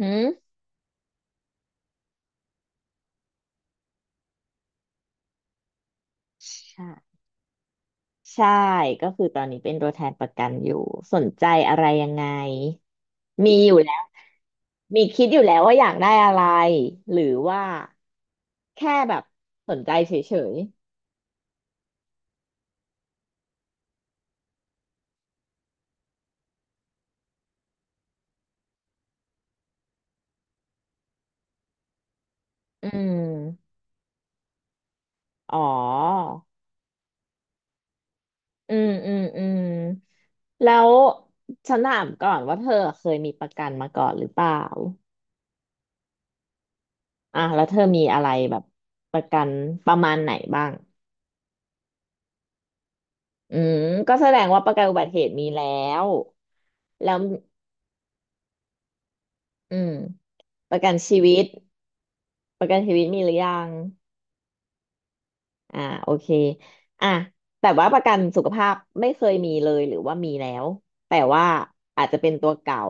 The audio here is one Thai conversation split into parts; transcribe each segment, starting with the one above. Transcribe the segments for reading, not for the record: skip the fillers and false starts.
หืมใช่ใช่ก็คือตอนนี้เป็นตัวแทนประกันอยู่สนใจอะไรยังไงมีอยู่แล้วมีคิดอยู่แล้วว่าอยากได้อะไร หรือว่าแค่แบบสนใจเฉยๆอืมอ๋ออืมแล้วฉันถามก่อนว่าเธอเคยมีประกันมาก่อนหรือเปล่าอ่ะแล้วเธอมีอะไรแบบประกันประมาณไหนบ้างอืมก็แสดงว่าประกันอุบัติเหตุมีแล้วแล้ว อืมประกันชีวิตประกันชีวิตมีหรือยังอ่าโอเคอ่ะแต่ว่าประกันสุขภาพไม่เคยมีเลยหรือว่ามีแล้วแต่ว่าอาจจะเป็นตัวเก่า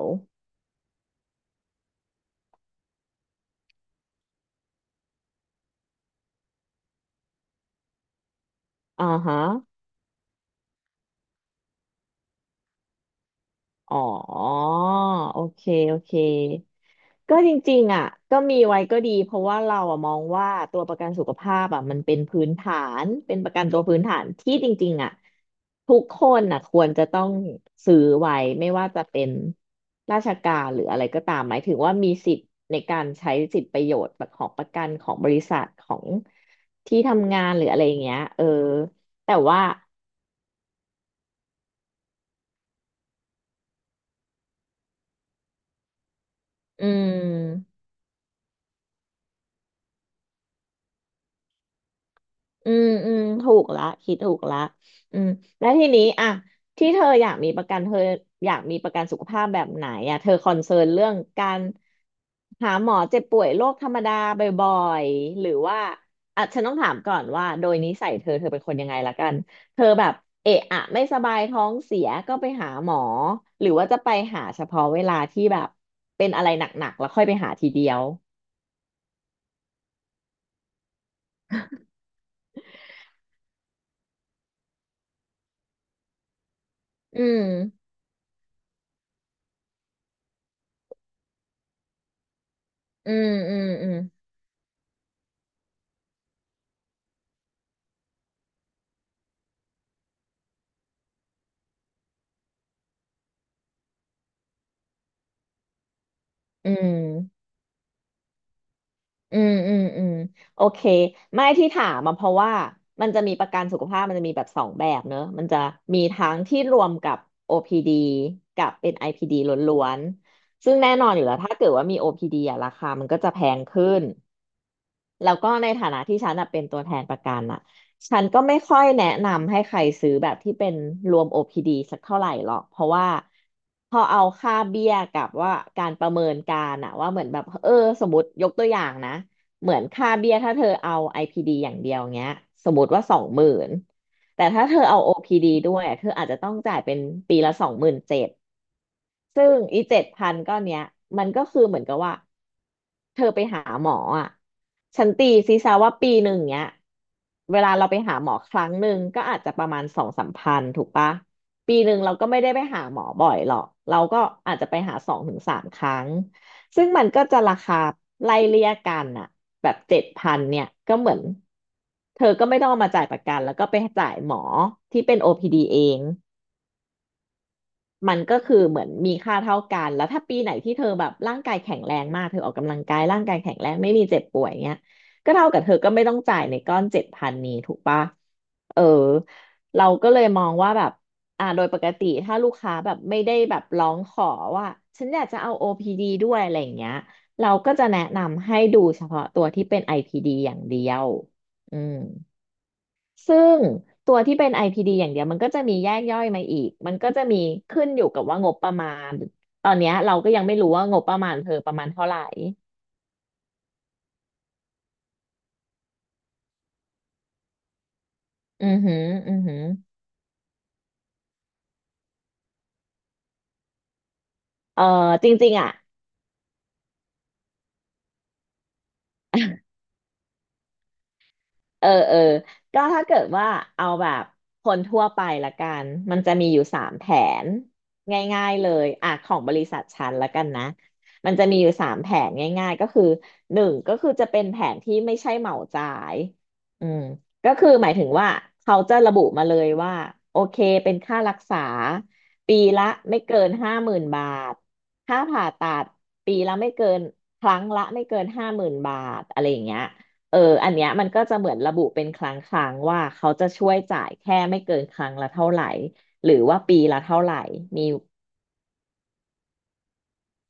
อ่าฮะ อ๋อโอเคโอเคก็จริงๆอ่ะก็มีไว้ก็ดีเพราะว่าเราอ่ะมองว่าตัวประกันสุขภาพอ่ะมันเป็นพื้นฐาน เป็นประกันตัวพื้นฐานที่จริงๆอ่ะทุกคนอ่ะควรจะต้องซื้อไว้ไม่ว่าจะเป็นราชการหรืออะไรก็ตามหมายถึงว่ามีสิทธิ์ในการใช้สิทธิประโยชน์ของประกันของบริษัทของที่ทำงานหรืออะไรอย่างเงี้ยแต่ว่าอืม อืมถูกละคิดถูกละอืมแล้วทีนี้อ่ะที่เธออยากมีประกันเธออยากมีประกันสุขภาพแบบไหนอ่ะเธอคอนเซิร์นเรื่องการหาหมอเจ็บป่วยโรคธรรมดาบ่อยๆหรือว่าอ่ะฉันต้องถามก่อนว่าโดยนิสัยเธอเป็นคนยังไงละกันเธอแบบเอะอะไม่สบายท้องเสียก็ไปหาหมอหรือว่าจะไปหาเฉพาะเวลาที่แบบเป็นอะไรหนักๆแล้วค่อยไปหาทีเดียวอืมอืมอืมอืมอืม อืมโอเคไม่ที่ถามมาเพราะว่ามันจะมีประกันสุขภาพมันจะมีแบบสองแบบเนอะมันจะมีทั้งที่รวมกับ OPD กับเป็น IPD ล้วนๆซึ่งแน่นอนอยู่แล้วถ้าเกิดว่ามี OPD อพีดีอะราคามันก็จะแพงขึ้น แล้วก็ในฐานะที่ฉันอะเป็นตัวแทนประกันอะฉันก็ไม่ค่อยแนะนำให้ใครซื้อแบบที่เป็นรวม OPD สักเท่าไหร่หรอกเพราะว่าพอเอาค่าเบี้ยกับว่าการประเมินการอะว่าเหมือนแบบสมมติยกตัวอย่างนะเหมือนค่าเบี้ยถ้าเธอเอา IPD อพีดีอย่างเดียวเงี้ยสมมติว่าสองหมื่นแต่ถ้าเธอเอา OPD ดด้วยอะเธออาจจะต้องจ่ายเป็นปีละสองหมื่นเจ็ดซึ่งอีเจ็ดพันก้อนเนี้ยมันก็คือเหมือนกับว่า เธอไปหาหมออ่ะฉันตีซีซาว่าปีหนึ่งเนี้ยเวลาเราไปหาหมอครั้งหนึ่งก็อาจจะประมาณสองสามพันถูกปะปีหนึ่งเราก็ไม่ได้ไปหาหมอบ่อยหรอกเราก็อาจจะไปหาสองถึงสามครั้งซึ่งมันก็จะราคาไล่เลี่ยกันอ่ะแบบเจ็ดพันเนี่ยก็เหมือนเธอก็ไม่ต้องเอามาจ่ายประกันแล้วก็ไปจ่ายหมอที่เป็น OPD เอง มันก็คือเหมือนมีค่าเท่ากันแล้วถ้าปีไหนที่เธอแบบร่างกายแข็งแรงมากเธอออกกำลังกายร่างกายแข็งแรงไม่มีเจ็บป่วยเงี้ยก็เท่ากับเธอก็ไม่ต้องจ่ายในก้อนเจ็ดพันนี้ถูกปะเออเราก็เลยมองว่าแบบอ่าโดยปกติถ้าลูกค้าแบบไม่ได้แบบร้องขอว่าฉันอยากจะเอา OPD ดด้วยอะไรอย่างเงี้ยเราก็จะแนะนำให้ดูเฉพาะตัวที่เป็น IPD อพีดีอย่างเดียวอืม ซึ่งตัวที่เป็น IPD อพีดีอย่างเดียวมันก็จะมีแยกย่อยมาอีก มันก็จะมีขึ้นอยู่กับว่างบประมาณตอนเนี้ยเราก็ยังไม่รู้ว่างบประมาณเธอประมาณเท่าไหร่อือหืออือหือเอ่อจริงๆอ่ะ เออก็ถ้าเกิดว่าเอาแบบคนทั่วไปละกัน มันจะมีอยู่สามแผนง่ายๆเลยอ่ะของบริษัทฉันละกันนะ มันจะมีอยู่สามแผนง่ายๆก็คือหนึ่งก็คือจะเป็นแผนที่ไม่ใช่เหมาจ่ายอืมก็คือหมายถึงว่าเขาจะระบุมาเลยว่าโอเคเป็นค่ารักษาปีละไม่เกินห้าหมื่นบาทค่าผ่าตัดปีละไม่เกินครั้งละไม่เกินห้าหมื่นบาทอะไรอย่างเงี้ย เอออันเนี้ยมันก็จะเหมือนระบุเป็นครั้งว่าเขาจะช่วยจ่ายแค่ไม่เกินครั้งละเท่าไหร่หรือว่าปีละเท่าไหร่มี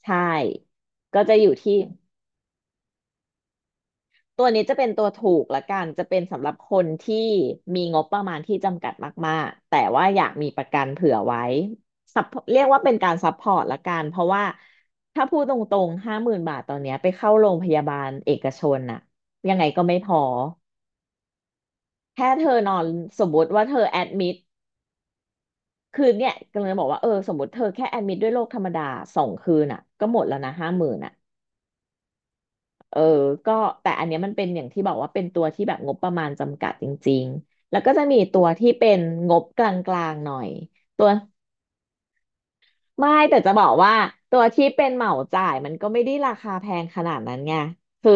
ใช่ก็จะอยู่ที่ตัวนี้จะเป็นตัวถูกละกันจะเป็นสำหรับคนที่มีงบประมาณที่จำกัดมากๆแต่ว่าอยากมีประกันเผื่อไว้ support- เรียกว่าเป็นการซัพพอร์ตละกันเพราะว่าถ้าพูดตรงๆห้าหมื่นบาทตอนเนี้ยไปเข้าโรงพยาบาลเอกชนน่ะยังไงก็ไม่พอแค่เธอนอนสมมติว่าเธอแอดมิด คือเนี่ยกำลังจะบอกว่าเออสมมติเธอแค่แอดมิดด้วยโรคธรรมดาสองคืนอ่ะก็หมดแล้วนะห้าหมื่นอ่ะเออก็แต่อันเนี้ยมันเป็นอย่างที่บอกว่าเป็นตัวที่แบบงบประมาณจำกัดจริงๆแล้วก็จะมีตัวที่เป็นงบกลางๆหน่อยตัวไม่แต่จะบอกว่าตัวที่เป็นเหมาจ่ายมันก็ไม่ได้ราคาแพงขนาดนั้นไงคือ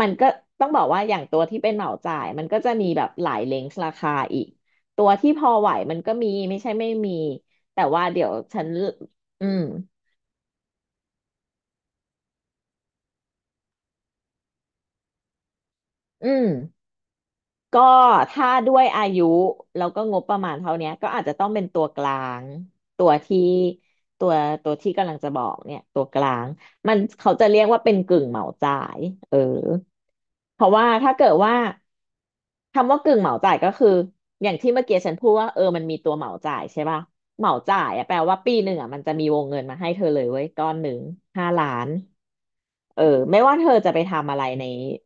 มันก็ต้องบอกว่าอย่างตัวที่เป็นเหมาจ่ายมันก็จะมีแบบหลายเลนส์ราคาอีกตัวที่พอไหวมันก็มีไม่ใช่ไม่มีแต่ว่าเดี๋ยวฉันอืม อืมก็ถ้าด้วยอายุแล้วก็งบประมาณเท่าเนี้ยก็อาจจะต้องเป็นตัวกลางตัวที่ตัวตัวที่กำลังจะบอกเนี่ยตัวกลางมันเขาจะเรียกว่าเป็นกึ่งเหมาจ่ายเออเพราะว่าถ้าเกิดว่าคำว่ากึ่งเหมาจ่ายก็คืออย่างที่เมื่อกี้ฉันพูดว่าเออมันมีตัวเหมาจ่ายใช่ป่ะเหมาจ่ายอะแปลว่าปีหนึ่งอะมันจะมีวงเงินมาให้เธอเลยเว้ยก้อนหนึ่งห้าล้าน เออไม่ว่าเธอจะไปทำอะไรใน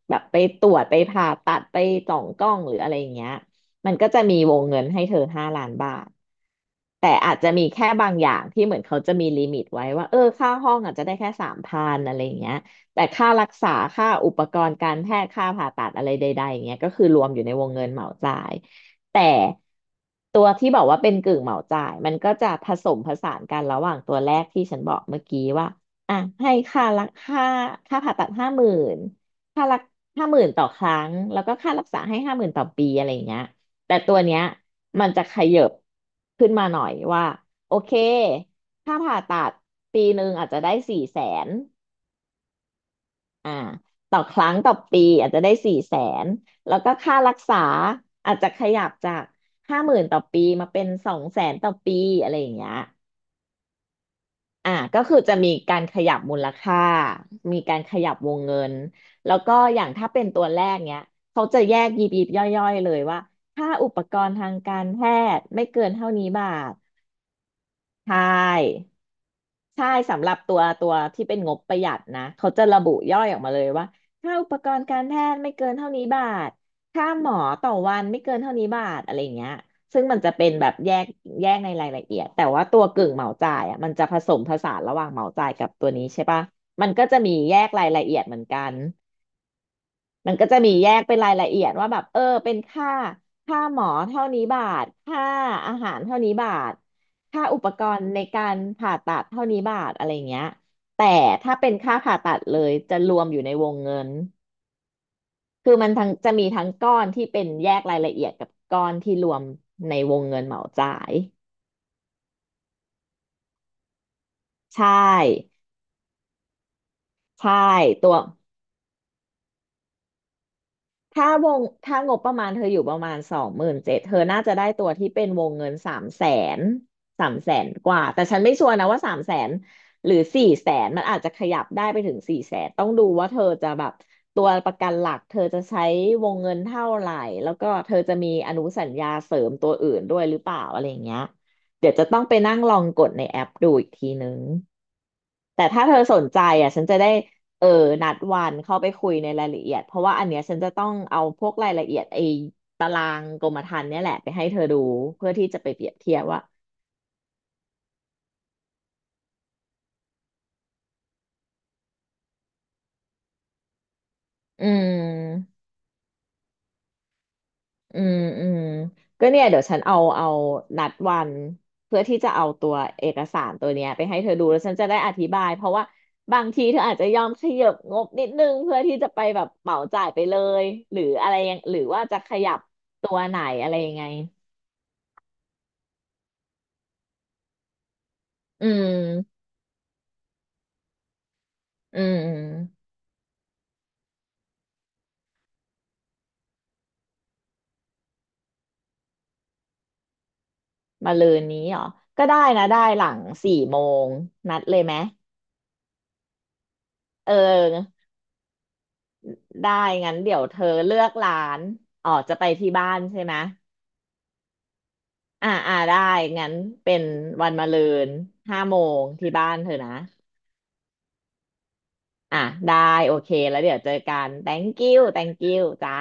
แบบไปตรวจไปผ่าตัดไปจ่องกล้องหรืออะไรอย่างเงี้ยมันก็จะมีวงเงินให้เธอห้าล้านบาทแต่อาจจะมีแค่บางอย่างที่เหมือนเขาจะมีลิมิตไว้ว่าเออค่าห้องอาจจะได้แค่สามพันอะไรอย่างเงี้ยแต่ค่ารักษาค่าอุปกรณ์การแพทย์ค่าผ่าตัดอะไรใดๆอย่างเงี้ยก็คือรวมอยู่ในวงเงินเหมาจ่ายแต่ตัวที่บอกว่าเป็นกึ่งเหมาจ่ายมันก็จะผสมผสานกันระหว่างตัวแรกที่ฉันบอกเมื่อกี้ว่า อ่ะให้ค่าผ่าตัดห้าหมื่นค่ารักห้าหมื่นต่อครั้งแล้วก็ค่ารักษาให้ห้าหมื่นต่อปีอะไรอย่างเงี้ยแต่ตัวเนี้ยมันจะขยับขึ้นมาหน่อยว่าโอเคค่าผ่าตัดปีหนึ่งอาจจะได้สี่แสนอ่าต่อครั้งต่อปีอาจจะได้สี่แสนแล้วก็ค่ารักษาอาจจะขยับจากห้าหมื่นต่อปีมาเป็นสองแสนต่อปีอะไรอย่างเงี้ย อ่ะก็คือจะมีการขยับมูลค่ามีการขยับวงเงินแล้วก็อย่างถ้าเป็นตัวแรกเนี้ยเขาจะแยกยิบยิบย่อยๆเลยว่าค่าอุปกรณ์ทางการแพทย์ไม่เกินเท่านี้บาทใช่ ใช่สำหรับตัวที่เป็นงบประหยัดนะเขาจะระบุย่อยออกมาเลยว่าค่าอุปกรณ์การแพทย์ไม่เกินเท่านี้บาทค่าหมอต่อวันไม่เกินเท่านี้บาทอะไรเงี้ยซึ่งมันจะเป็นแบบแยกในรายละเอียดแต่ว่าตัวกึ่งเหมาจ่ายอ่ะมันจะผสมผสานระหว่างเหมาจ่ายกับตัวนี้ใช่ปะมันก็จะมีแยกรายละเอียดเหมือนกัน มันก็จะมีแยกเป็นรายละเอียดว่าแบบเออเป็นค่าหมอเท่านี้บาทค่าอาหารเท่านี้บาทค่าอุปกรณ์ในการผ่าตัดเท่านี้บาทอะไรอย่างเงี้ยแต่ถ้าเป็นค่าผ่าตัดเลยจะรวมอยู่ในวงเงินคือมันทั้งจะมีทั้งก้อนที่เป็นแยกรายละเอียดกับก้อนที่รวมในวงเงินเหมาจ่ายใช่ใช่ตัว ถ้าถ้างบประมาณเธออยู่ประมาณสองหมื่นเจ็ดเธอน่าจะได้ตัวที่เป็นวงเงินสามแสนสามแสนกว่าแต่ฉันไม่ชัวร์นะว่าสามแสนหรือสี่แสนมันอาจจะขยับได้ไปถึงสี่แสนต้องดูว่าเธอจะแบบตัวประกันหลักเธอจะใช้วงเงินเท่าไหร่แล้วก็เธอจะมีอนุสัญญาเสริมตัวอื่นด้วยหรือเปล่าอะไรอย่างเงี้ยเดี๋ยวจะต้องไปนั่งลองกดในแอปดูอีกทีนึงแต่ถ้าเธอสนใจอ่ะฉันจะได้ เออนัดวันเข้าไปคุยในรายละเอียดเพราะว่าอันเนี้ยฉันจะต้องเอาพวกรายละเอียดไอ้ตารางกรมธรรม์เนี่ยแหละไปให้เธอดูเพื่อที่จะไปเปรียบเทียบว่า อืมอืมอืมก็เนี่ยเดี๋ยวฉันเอานัดวันเพื่อที่จะเอาตัวเอกสารตัวเนี้ยไปให้เธอดูแล้วฉันจะได้อธิบายเพราะว่าบางทีเธออาจจะยอมขยับงบนิดนึงเพื่อที่จะไปแบบเหมาจ่ายไปเลยหรืออะไรยังหรือว่าจะขยับตัวไหนอะไรยังไงอืมอืม มาลืนนี้เหรอก็ได้นะได้หลังสี่โมงนัดเลยไหมเออได้งั้นเดี๋ยวเธอเลือกร้านอ๋อจะไปที่บ้านใช่ไหมอ่าอ่าได้งั้นเป็นวันมะรืนห้าโมงที่บ้านเธอนะอ่ะได้โอเคแล้วเดี๋ยวเจอกัน thank you thank you จ้า